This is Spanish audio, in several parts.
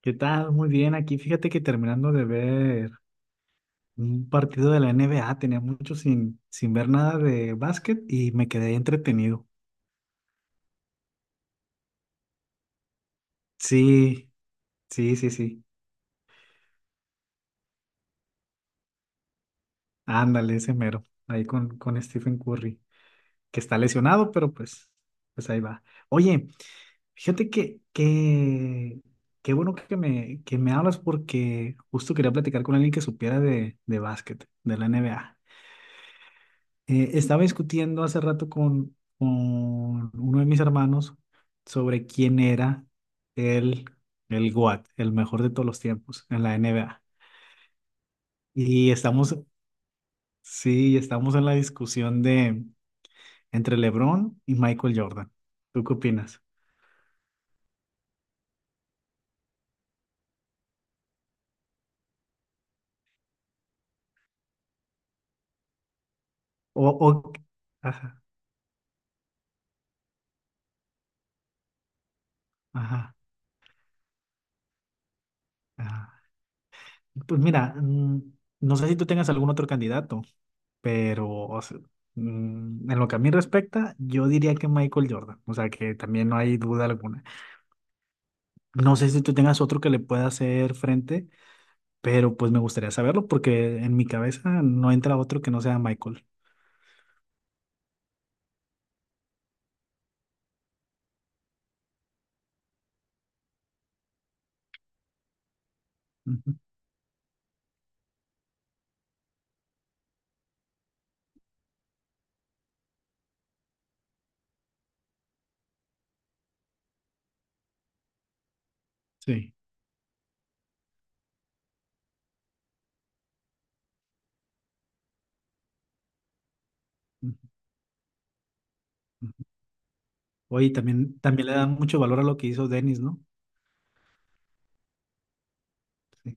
¿Qué tal? Muy bien, aquí fíjate que terminando de ver un partido de la NBA, tenía mucho sin ver nada de básquet y me quedé entretenido. Sí, sí, sí, sí. Ándale, ese mero, ahí con Stephen Curry, que está lesionado, pues ahí va. Oye, fíjate que, que, qué bueno que que me hablas porque justo quería platicar con alguien que supiera de básquet, de la NBA. Estaba discutiendo hace rato con uno de mis hermanos sobre quién era el, el GOAT, el mejor de todos los tiempos en la NBA. Y estamos, sí, estamos en la discusión de entre LeBron y Michael Jordan. ¿Tú qué opinas? O, o- ajá, ajá, ajá. Pues mira, no sé si tú tengas algún otro candidato. Pero o sea, en lo que a mí respecta, yo diría que Michael Jordan. O sea, que también no hay duda alguna. No sé si tú tengas otro que le pueda hacer frente, pero pues me gustaría saberlo porque en mi cabeza no entra otro que no sea Michael. Ujú, sí, ujú, ujú. Oye, también, también le dan mucho valor a lo que hizo Dennis, ¿no? Sí,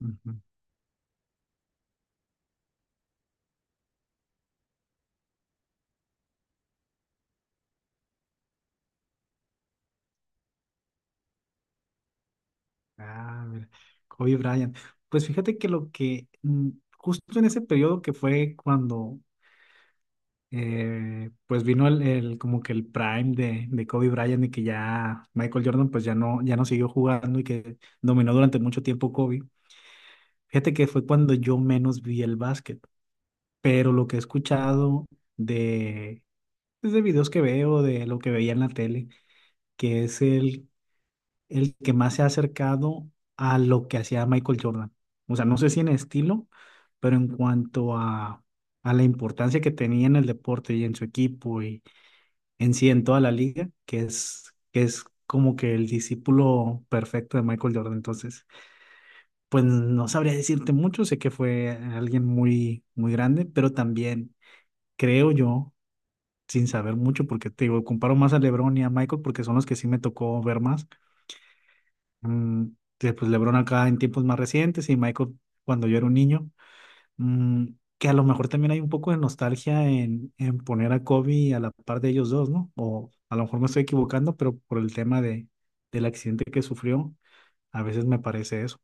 ujú. Ah, mira. Kobe Bryant. Pues fíjate que lo que justo en ese periodo que fue cuando pues vino como que el prime de Kobe Bryant y que ya Michael Jordan pues ya no, ya no siguió jugando y que dominó durante mucho tiempo Kobe. Fíjate que fue cuando yo menos vi el básquet, pero lo que he escuchado de, pues, de videos que veo, de lo que veía en la tele, que es el que más se ha acercado a lo que hacía Michael Jordan. O sea, no sé si en estilo, pero en cuanto a la importancia que tenía en el deporte y en su equipo en sí en toda la liga, que es como que el discípulo perfecto de Michael Jordan. Entonces, pues no sabría decirte mucho, sé que fue alguien muy, muy grande, pero también creo yo, sin saber mucho, porque te digo, comparo más a LeBron y a Michael porque son los que sí me tocó ver más. Mm, que, pues LeBron acá en tiempos más recientes y Michael cuando yo era un niño. Mm, que a lo mejor también hay un poco de nostalgia en poner a Kobe a la par de ellos dos, ¿no? A lo mejor me estoy equivocando, pero por el tema del accidente que sufrió, a veces me parece eso.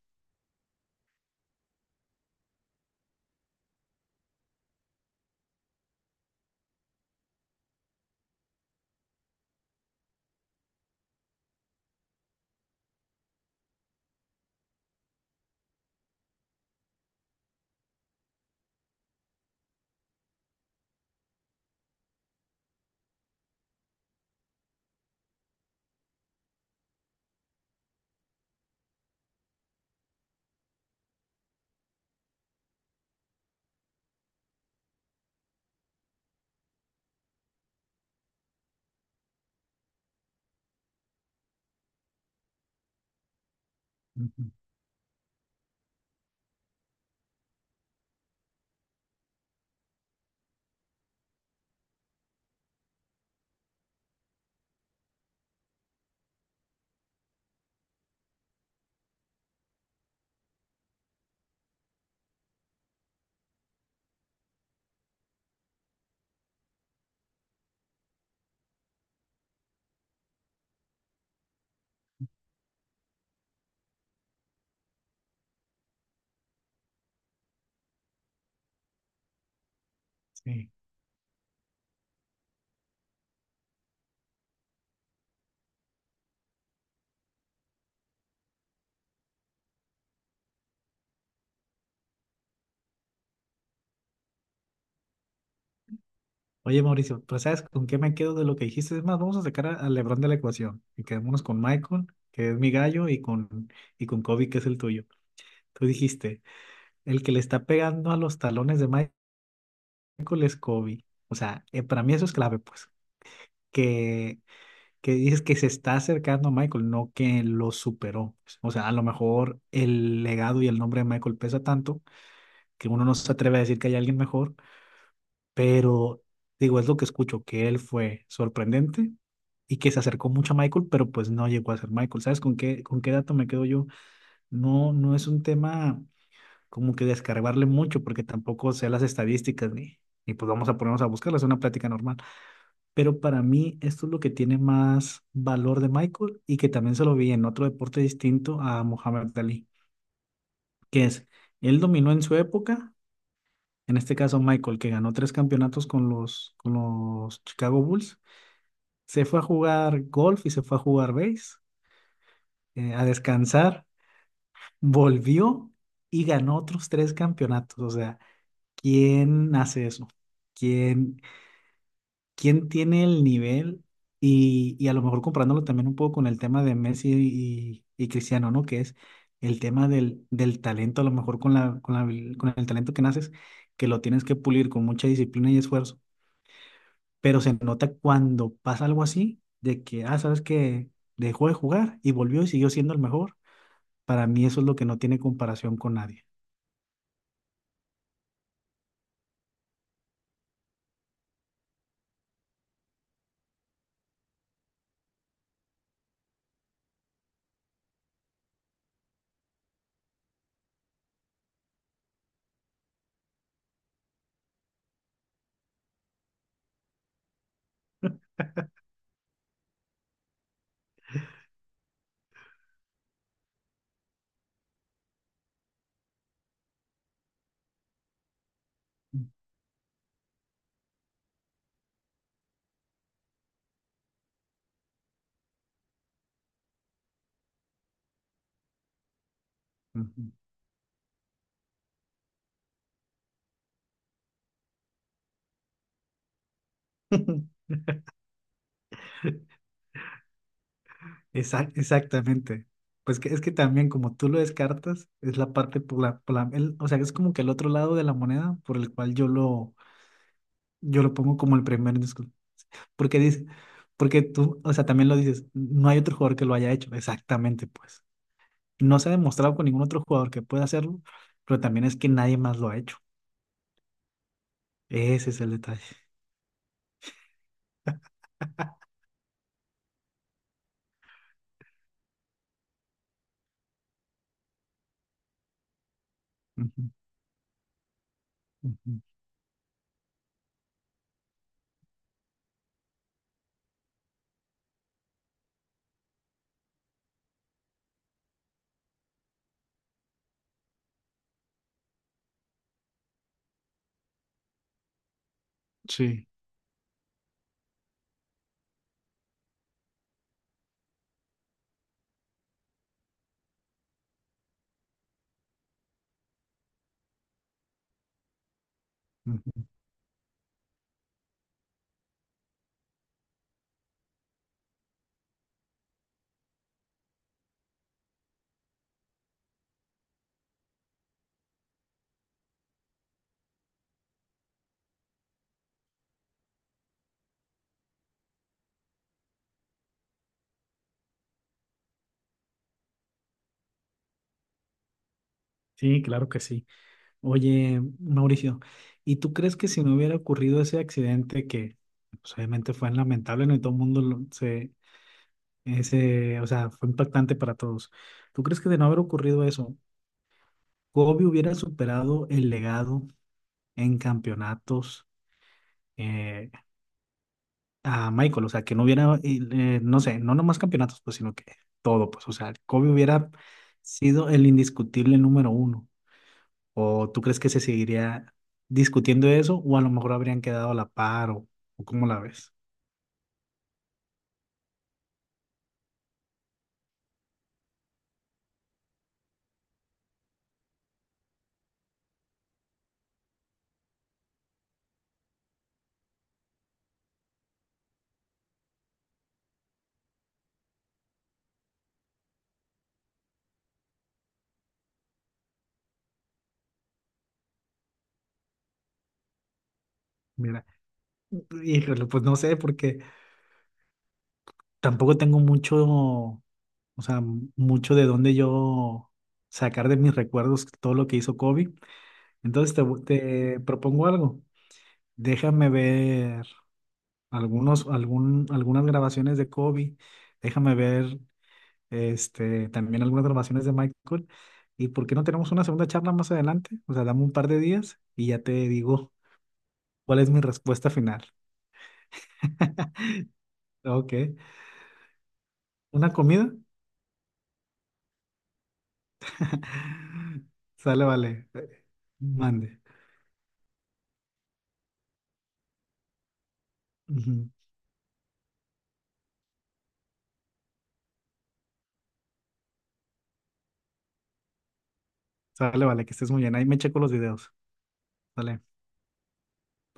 Ujú, sí. Oye, Mauricio, pues ¿sabes con qué me quedo de lo que dijiste? Es más, vamos a sacar a LeBron de la ecuación y quedémonos con Michael, que es mi gallo, y con Kobe, que es el tuyo. Tú dijiste, el que le está pegando a los talones de Michael es Kobe. O sea, para mí eso es clave, pues. Que, que dices que se está acercando a Michael, no que lo superó. O sea, a lo mejor el legado y el nombre de Michael pesa tanto que uno no se atreve a decir que hay alguien mejor, pero digo, es lo que escucho, que él fue sorprendente y que se acercó mucho a Michael, pero pues no llegó a ser Michael. ¿Sabes con qué dato me quedo yo? No, no es un tema como que descargarle mucho, porque tampoco sé las estadísticas ni pues vamos a ponernos a buscarlas, es una plática normal. Pero para mí esto es lo que tiene más valor de Michael y que también se lo vi en otro deporte distinto a Muhammad Ali, que es, él dominó en su época, en este caso Michael, que ganó tres campeonatos con con los Chicago Bulls, se fue a jugar golf y se fue a jugar base, a descansar, volvió y ganó otros tres campeonatos. O sea, ¿quién hace eso? ¿Quién, quién tiene el nivel? Y a lo mejor comparándolo también un poco con el tema de Messi y Cristiano, ¿no? Que es el tema del talento, a lo mejor con con el talento que naces, que lo tienes que pulir con mucha disciplina y esfuerzo pero se nota cuando pasa algo así, de que, ah, sabes que dejó de jugar y volvió y siguió siendo el mejor. Para mí eso es lo que no tiene comparación con nadie. Ujú. Exactamente. Pues que, es que también como tú lo descartas, es la parte por o sea, es como que el otro lado de la moneda por el cual yo lo pongo como el primer disco. Porque dice, porque tú, o sea, también lo dices, no hay otro jugador que lo haya hecho. Exactamente, pues. No se ha demostrado con ningún otro jugador que pueda hacerlo, pero también es que nadie más lo ha hecho. Ese es el detalle. Ujú, ujú. Sí, ujú. Sí, claro que sí. Oye, Mauricio, ¿y tú crees que si no hubiera ocurrido ese accidente que pues, obviamente fue lamentable, no y todo el mundo o sea, fue impactante para todos? ¿Tú crees que de no haber ocurrido eso, Kobe hubiera superado el legado en campeonatos? eh, a Michael, o sea, que no hubiera, no sé, no nomás campeonatos, pues, sino que todo, pues, o sea, Kobe hubiera sido el indiscutible número uno. ¿O tú crees que se seguiría discutiendo eso? ¿O a lo mejor habrían quedado a la par? O cómo la ves? Mira, híjole, pues no sé, porque tampoco tengo mucho, o sea, mucho de dónde yo sacar de mis recuerdos todo lo que hizo Kobe. Te propongo algo. Déjame ver algunas grabaciones de Kobe, déjame ver este, también algunas grabaciones de Michael. ¿Y por qué no tenemos una segunda charla más adelante? O sea, dame un par de días y ya te digo cuál es mi respuesta final. Ok, ¿una comida? Sale, vale. Mande. Ujú. Sale, vale, que estés muy bien. Ahí me checo los videos. Sale.